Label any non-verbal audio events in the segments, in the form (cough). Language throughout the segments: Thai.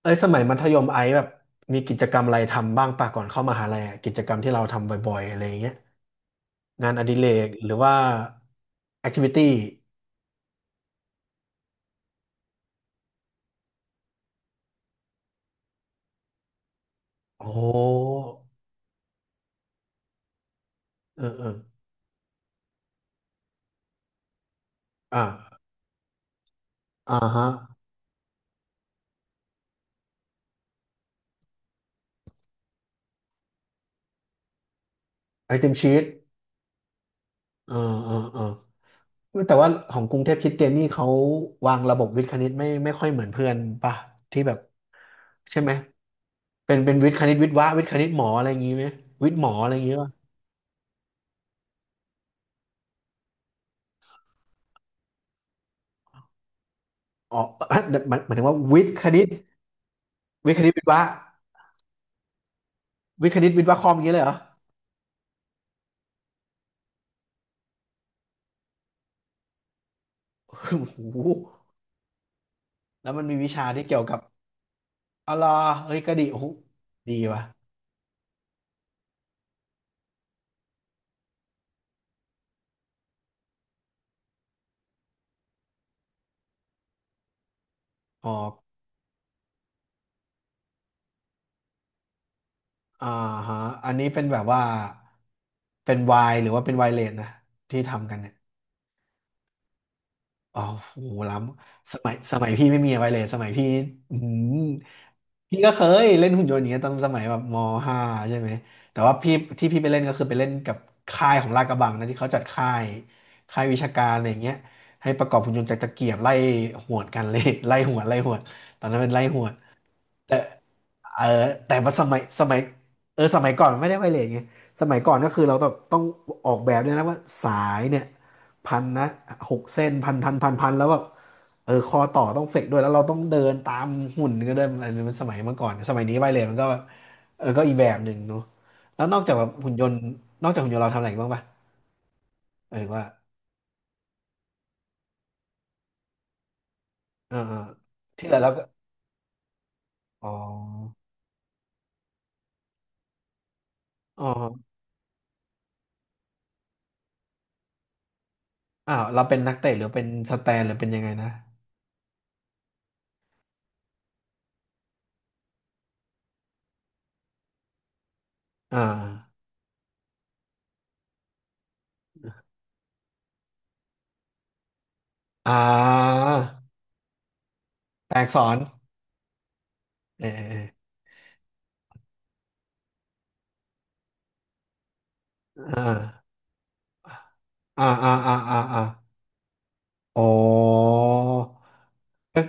เอ้ยสมัยมัธยมไอซ์แบบมีกิจกรรมอะไรทำบ้างป่ะก่อนเข้ามหาลัยอะกิจกรรมที่เราทำบ่อยๆอะไรอย่างเงี้ยงานอดิเรกหรือว่าแอคทิวิตี้โอ้เออเอออ่าอ่าฮะไอติมชีตเออเออเออแต่ว่าของกรุงเทพคริสเตียนนี่เขาวางระบบวิทย์คณิตไม่ค่อยเหมือนเพื่อนป่ะที่แบบใช่ไหมเป็นวิทย์คณิตวิทย์วะวิทย์คณิตหมออะไรอย่างงี้ไหมวิทย์หมออะไรอย่างงี้ป่ะอ๋อเอ้ยหมายถึงว่าวิทย์คณิต วิทย์คณิตวิทย์วะวิทย์คณิตวิทย์วะคอมอย่างนี้เลยเหรอ (laughs) โอ้โหแล้วมันมีวิชาที่เกี่ยวกับอะไรอเฮ้ยก็ดีโอ้โหดีวะออกอ่าฮะอันนี้เป็นแบบว่า เป็นวายหรือว่าเป็นวายเลนนะที่ทำกันเนี่ย อ๋อโหล้ำสมัยพี่ไม่มีอะไรเลยสมัยพี่อืมพี่ก็เคยเล่นหุ่นยนต์อย่างเงี้ยตอนสมัยแบบมห้าใช่ไหมแต่ว่าพี่ที่พี่ไปเล่นก็คือไปเล่นกับค่ายของลาดกระบังนะที่เขาจัดค่ายค่ายวิชาการอะไรอย่างเงี้ยให้ประกอบหุ่นยนต์จากตะเกียบไล่หวดกันเลย (laughs) ไล่หวดไล่หวดตอนนั้นเป็นไล่หวด เออแต่ว่าสมัยเออสมัยก่อนมันไม่ได้ไวเลสไงสมัยก่อนก็คือเราต้องออกแบบด้วยนะว่าสายเนี่ยพันนะหกเส้นพันพันพันพันแล้วแบบเออคอต่อต้องเฟกด้วยแล้วเราต้องเดินตามหุ่นก็ไดินนี้มันสมัยเมื่อก่อนสมัยนี้ไวเลสมันก็แบบเออก็อีกแบบหนึ่งเนาะแล้วนอกจากแบบหุ่นยนต์นอกจากหุ่นยนต์เราทำอะไรอีกบ้างปะเออว่าเออเออที่เหลือเราก็อ๋ออ๋ออ้าวเราเป็นนักเตะหรือเป็นสแตนหรือเป็นยังไงนะอ่าอ่า แตอกสอนเออเอออ่าอ่าอ่าอ่าอ่าอ๋อก็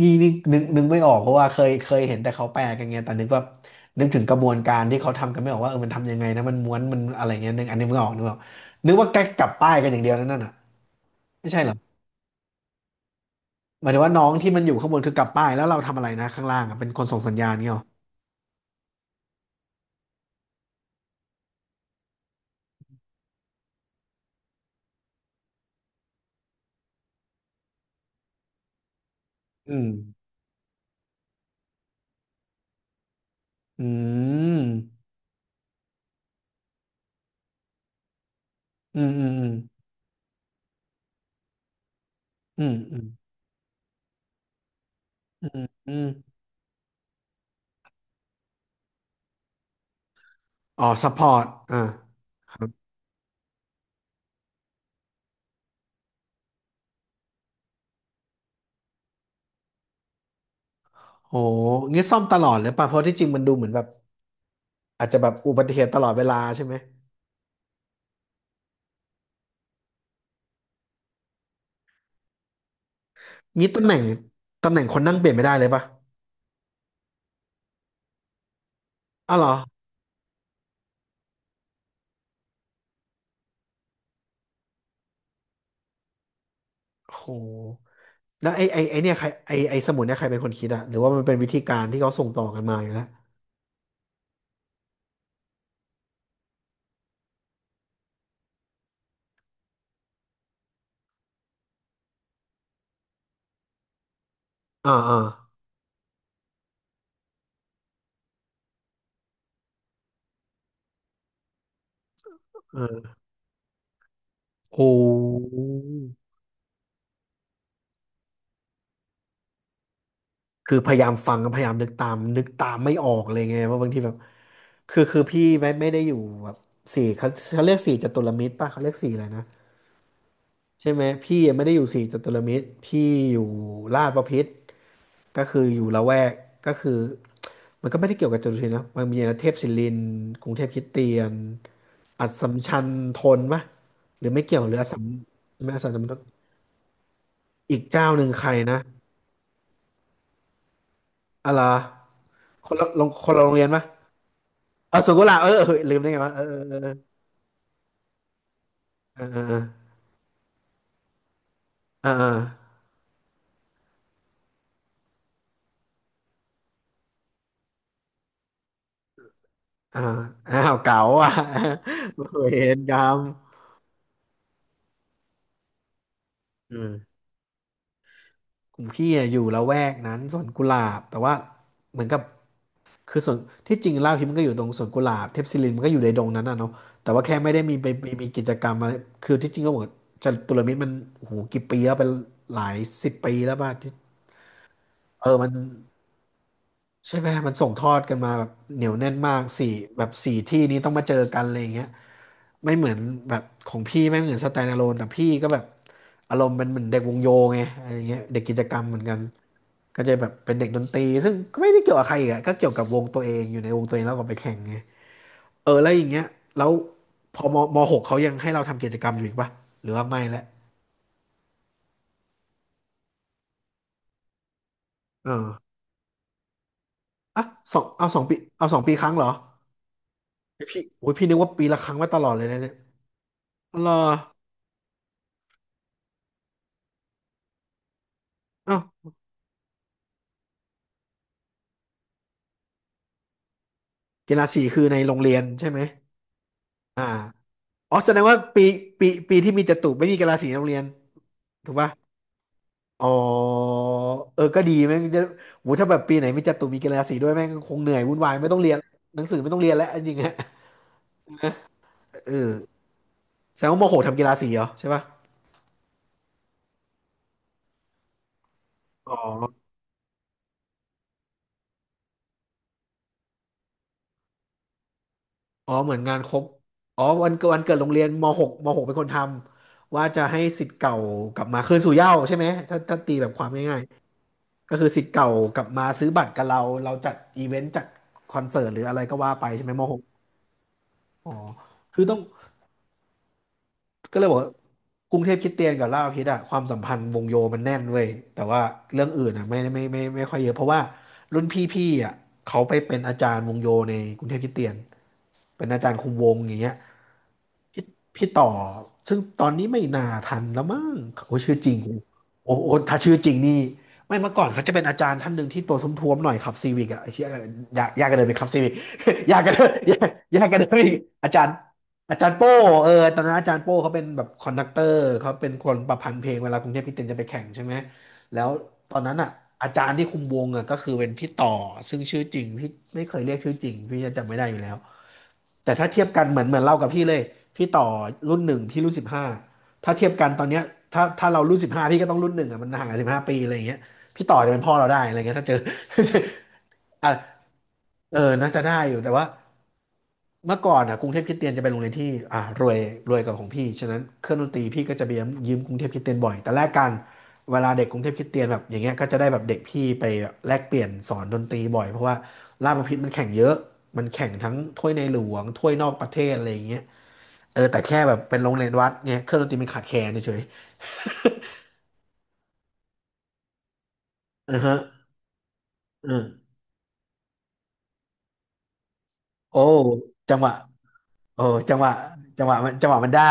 นี่นี่นึกไม่ออกเพราะว่าเคย เคยเห็นแต่เขาแปลกันไงแต่นึกว่านึกถึงกระบวนการที่เขาทำกันไม่ออกว่าเออมันทำยังไงนะมันม้วนมันอะไรเงี้ยนึกอันนี้ไม่ออกนึกออกนึกว่าแกกลับป้ายกันอย่างเดียวนั่นน่ะไม่ใช่เหรอหมายถึงว่าน้องที่มันอยู่ข้างบนคือกลับป้ายแล้วเราทำอะไรนะข้างล่างอ่ะเป็นคนส่งสัญญาณเงี้ยเหรออืมอืมอืมอืมอืมอืมอืมอืมอมอ๋อซัพพอร์ตอ่า โหงี้ซ่อมตลอดเลยป่ะเพราะที่จริงมันดูเหมือนแบบอาจจะแบบอุบัติเหตุตลอดเวลาใช่ไหมงี้ตำแหน่งตำแหน่งคนนั่งเปลี่ยนไม่ได้เลยป่ะอ้าวเหรอโหแล้วไอ้เนี่ยใครไอ้สมุดเนี่ยใครเป็นคนคิดอะหรือว่ามันเป็นวิธีการที่เขาส่งต่อกันมาอยู่แล้วอ่าอ่าอออโอ้คือพยายามฟังพยายามนึกตามไม่ออกเลยไงว่าบางทีแบบคือพี่ไม่ได้อยู่แบบสี่เขาเขาเรียกสี่จตุรมิตรป่ะเขาเรียกสี่อะไรนะ ใช่ไหมพี่ไม่ได้อยู่สี่จตุรมิตรพี่อยู่ลาดบพิตรก็คืออยู่ละแวกก็คือมันก็ไม่ได้เกี่ยวกับจตุรมิตรนะมันมีเทพศิรินทร์กรุงเทพคริสเตียนอัสสัมชัญธนปะหรือไม่เกี่ยวหรืออัสสัมไม่อัสสัมชัญธนอีกเจ้าหนึ่งใครนะอะไรอคนละโรงเรียนปะเออสุกุลาเออเออลืมได้ไงวะเออเออเออเออเออเออเออเออเอออ้าวเก๋าอ่ะ (laughs) เวรกรรมเออ กลุ่มพี่อะอยู่ละแวกนั้นสวนกุหลาบแต่ว่าเหมือนกับคือส่วนที่จริงเล่าฮิปมันก็อยู่ตรงสวนกุหลาบเทพศิรินมันก็อยู่ในดงนั้นน่ะเนาะแต่ว่าแค่ไม่ได้มีไปมีกิจกรรมอะไรคือที่จริงก็เหมือนจตุรมิตรมันโอ้โหกี่ปีแล้วเป็นหลายสิบปีแล้วป่ะที่เออมันใช่ไหมมันส่งทอดกันมาแบบเหนียวแน่นมากสี่แบบสี่ที่นี้ต้องมาเจอกันอะไรอย่างเงี้ย ไม่เหมือนแบบของพี่ไม่เหมือนสแตนด์อะโลนแต่พี่ก็แบบอารมณ์เป็นเหมือนเด็กวงโยไงอะไรเงี้ยเด็กกิจกรรมเหมือนกันก็จะแบบเป็นเด็กดนตรีซึ่งก็ไม่ได้เกี่ยวกับใครอีกอะก็เกี่ยวกับวงตัวเองอยู่ในวงตัวเองแล้วก็ไปแข่งไงเออแล้วอย่างเงี้ยแล้วพอมมหกเขายังให้เราทำกิจกรรมอยู่อีกปะหรือว่าไม่แล้วเอออ่ะสองเอาสองปีเอา2 ปีครั้งเหรอพี่โอ้ยพี่นึกว่าปีละครั้งมาตลอดเลยนะเนี่ยรอเอ้ากีฬาสีคือในโรงเรียนใช่ไหมอ่า อ๋อแสดงว่าปีปีที่มีจตุไม่มีกีฬาสีในโรงเรียนถูกป่ะอ๋อเออก็ดีแม่งจะโหถ้าแบบปีไหนมีจตุมีกีฬาสีด้วยแม่งคงเหนื่อยวุ่นวายไม่ต้องเรียนหนังสือไม่ต้องเรียนแล้วจริงๆฮะเออแสดงว่ามหกทำกีฬาสีเหรอใช่ป่ะอ๋ออ๋อเหมือนงานครบอ๋อวันเกิดโรงเรียนมหกเป็นคนทำว่าจะให้ศิษย์เก่ากลับมาคืนสู่เหย้าใช่ไหมถ้าตีแบบความง่ายๆก็คือศิษย์เก่ากลับมาซื้อบัตรกับเราเราจัดอีเวนต์จัดคอนเสิร์ตหรืออะไรก็ว่าไปใช่ไหมม อ๋อ คือต้องก็เลยบอกว่ากรุงเทพคริสเตียนกับลาดพร้าวพิตอ่ะความสัมพันธ์วงโยมันแน่นเว้ยแต่ว่าเรื่องอื่นอ่ะไม่ค่อยเยอะเพราะว่ารุ่นพี่อ่ะเขาไปเป็นอาจารย์วงโยในกรุงเทพคริสเตียนเป็นอาจารย์คุมวงอย่างเงี้ย พี่พี่ต่อซึ่งตอนนี้ไม่น่าทันแล้วมั้งโอ้ชื่อจริงโอ้โอ้ถ้าชื่อจริงนี่ไม่เมื่อก่อนเขาจะเป็นอาจารย์ท่านหนึ่งที่ตัวท้วมๆหน่อยขับซีวิกอะไอ้เชี่ยยากยากกันเลยไปขับซีวิก (laughs) ยากกันเลยยากยากกันเลยอาจารย์อาจารย์โป้เออตอนนั้นอาจารย์โป้เขาเป็นแบบคอนดักเตอร์เขาเป็นคนประพันธ์เพลงเวลากรุงเทพคริสเตียนจะไปแข่งใช่ไหมแล้วตอนนั้นอ่ะอาจารย์ที่คุมวงอ่ะก็คือเป็นพี่ต่อซึ่งชื่อจริงพี่ไม่เคยเรียกชื่อจริงพี่จะจำไม่ได้อยู่แล้ว แต่ถ้าเทียบกันเหมือนเรากับพี่เลยพี่ต่อรุ่นหนึ่งพี่รุ่นสิบห้าถ้าเทียบกันตอนเนี้ยถ้าเรารุ่นสิบห้าพี่ก็ต้องรุ่นหนึ่งอ่ะมันห่างกัน15 ปีอะไรอย่างเงี้ยพี่ต่อจะเป็นพ่อเราได้อะไรเงี้ยถ้าเจอ (laughs) อ่ะเออน่าจะได้อยู่แต่ว่าเมื่อก่อนอ่ะกรุงเทพคริสเตียนจะเป็นโรงเรียนที่อ่ะรวยรวยกว่าของพี่ฉะนั้นเครื่องดนตรีพี่ก็จะไปยืมกรุงเทพคริสเตียนบ่อยแต่แลกกันเวลาเด็กกรุงเทพคริสเตียนแบบอย่างเงี้ยก็จะได้แบบเด็กพี่ไปแบบแลกเปลี่ยนสอนดนตรีบ่อยเพราะว่าราชบัณฑิตมันแข่งเยอะมันแข่งทั้งถ้วยในหลวงถ้วยนอกประเทศอะไรอย่างเงี้ย เออแต่แค่แบบเป็นโรงเรียนวัดเนี่ยเครื่องดนตรีมันขาดแคลนเฉยๆ (laughs) อือฮะอือโอ้จังหวะโอ้จังหวะจังหวะมันจังหวะมันได้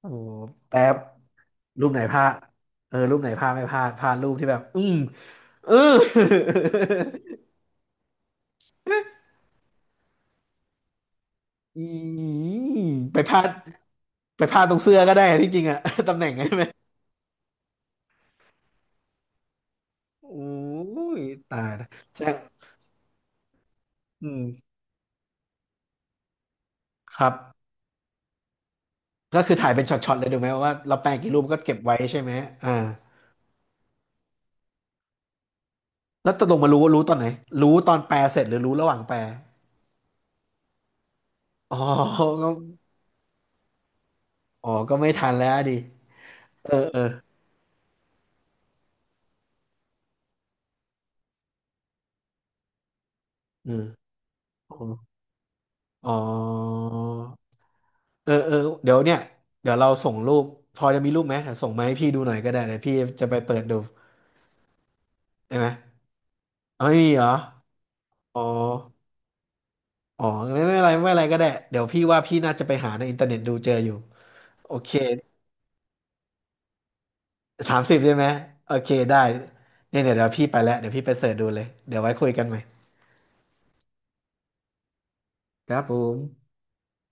โอ้แป๊บรูปไหนพลาดเออรูปไหนพลาดไม่พลาดพลาดรูปที่แบบอืมเอออืม (laughs) ไปพลาดไปพลาดตรงเสื้อก็ได้ที่จริงอะ (laughs) ตำแหน่งใช่ไหมโอ้ยตายละแซ่บอืมครับก็คือถ่ายเป็นช็อตๆเลยถูกไหมว่าเราแปลงกี่รูปก็เก็บไว้ใช่ไหมอ่า แล้วตกลงมารู้ว่ารู้ตอนไหน รู้ตอนแปลเสร็จหรือรู้ระหว่างแปลอ๋อก็อ๋อ ก็ไม่ทันแล้วดิเออเอออืมอ๋ออ๋อเออเออเดี๋ยวเนี่ย เดี๋ยวเราส่งรูป พอจะมีรูปไหมเดี๋ยวส่งมาให้พี่ดูหน่อยก็ได้เดี๋ยวพี่จะไปเปิดดูได้ไหมเอาไม่มีเหรอ อ๋อ อ๋อไม่ไม่เป็นไรไม่เป็นไรก็ได้เดี๋ยวพี่ว่าพี่น่าจะไปหาในอินเทอร์เน็ตดูเจออยู่โอเค30ใช่ไหม โอเค ได้เนี่ยเดี๋ยวพี่ไปแล้วเดี๋ยวพี่ไปเสิร์ชดูเลยเดี๋ยวไว้คุยกันใหม่ครับผม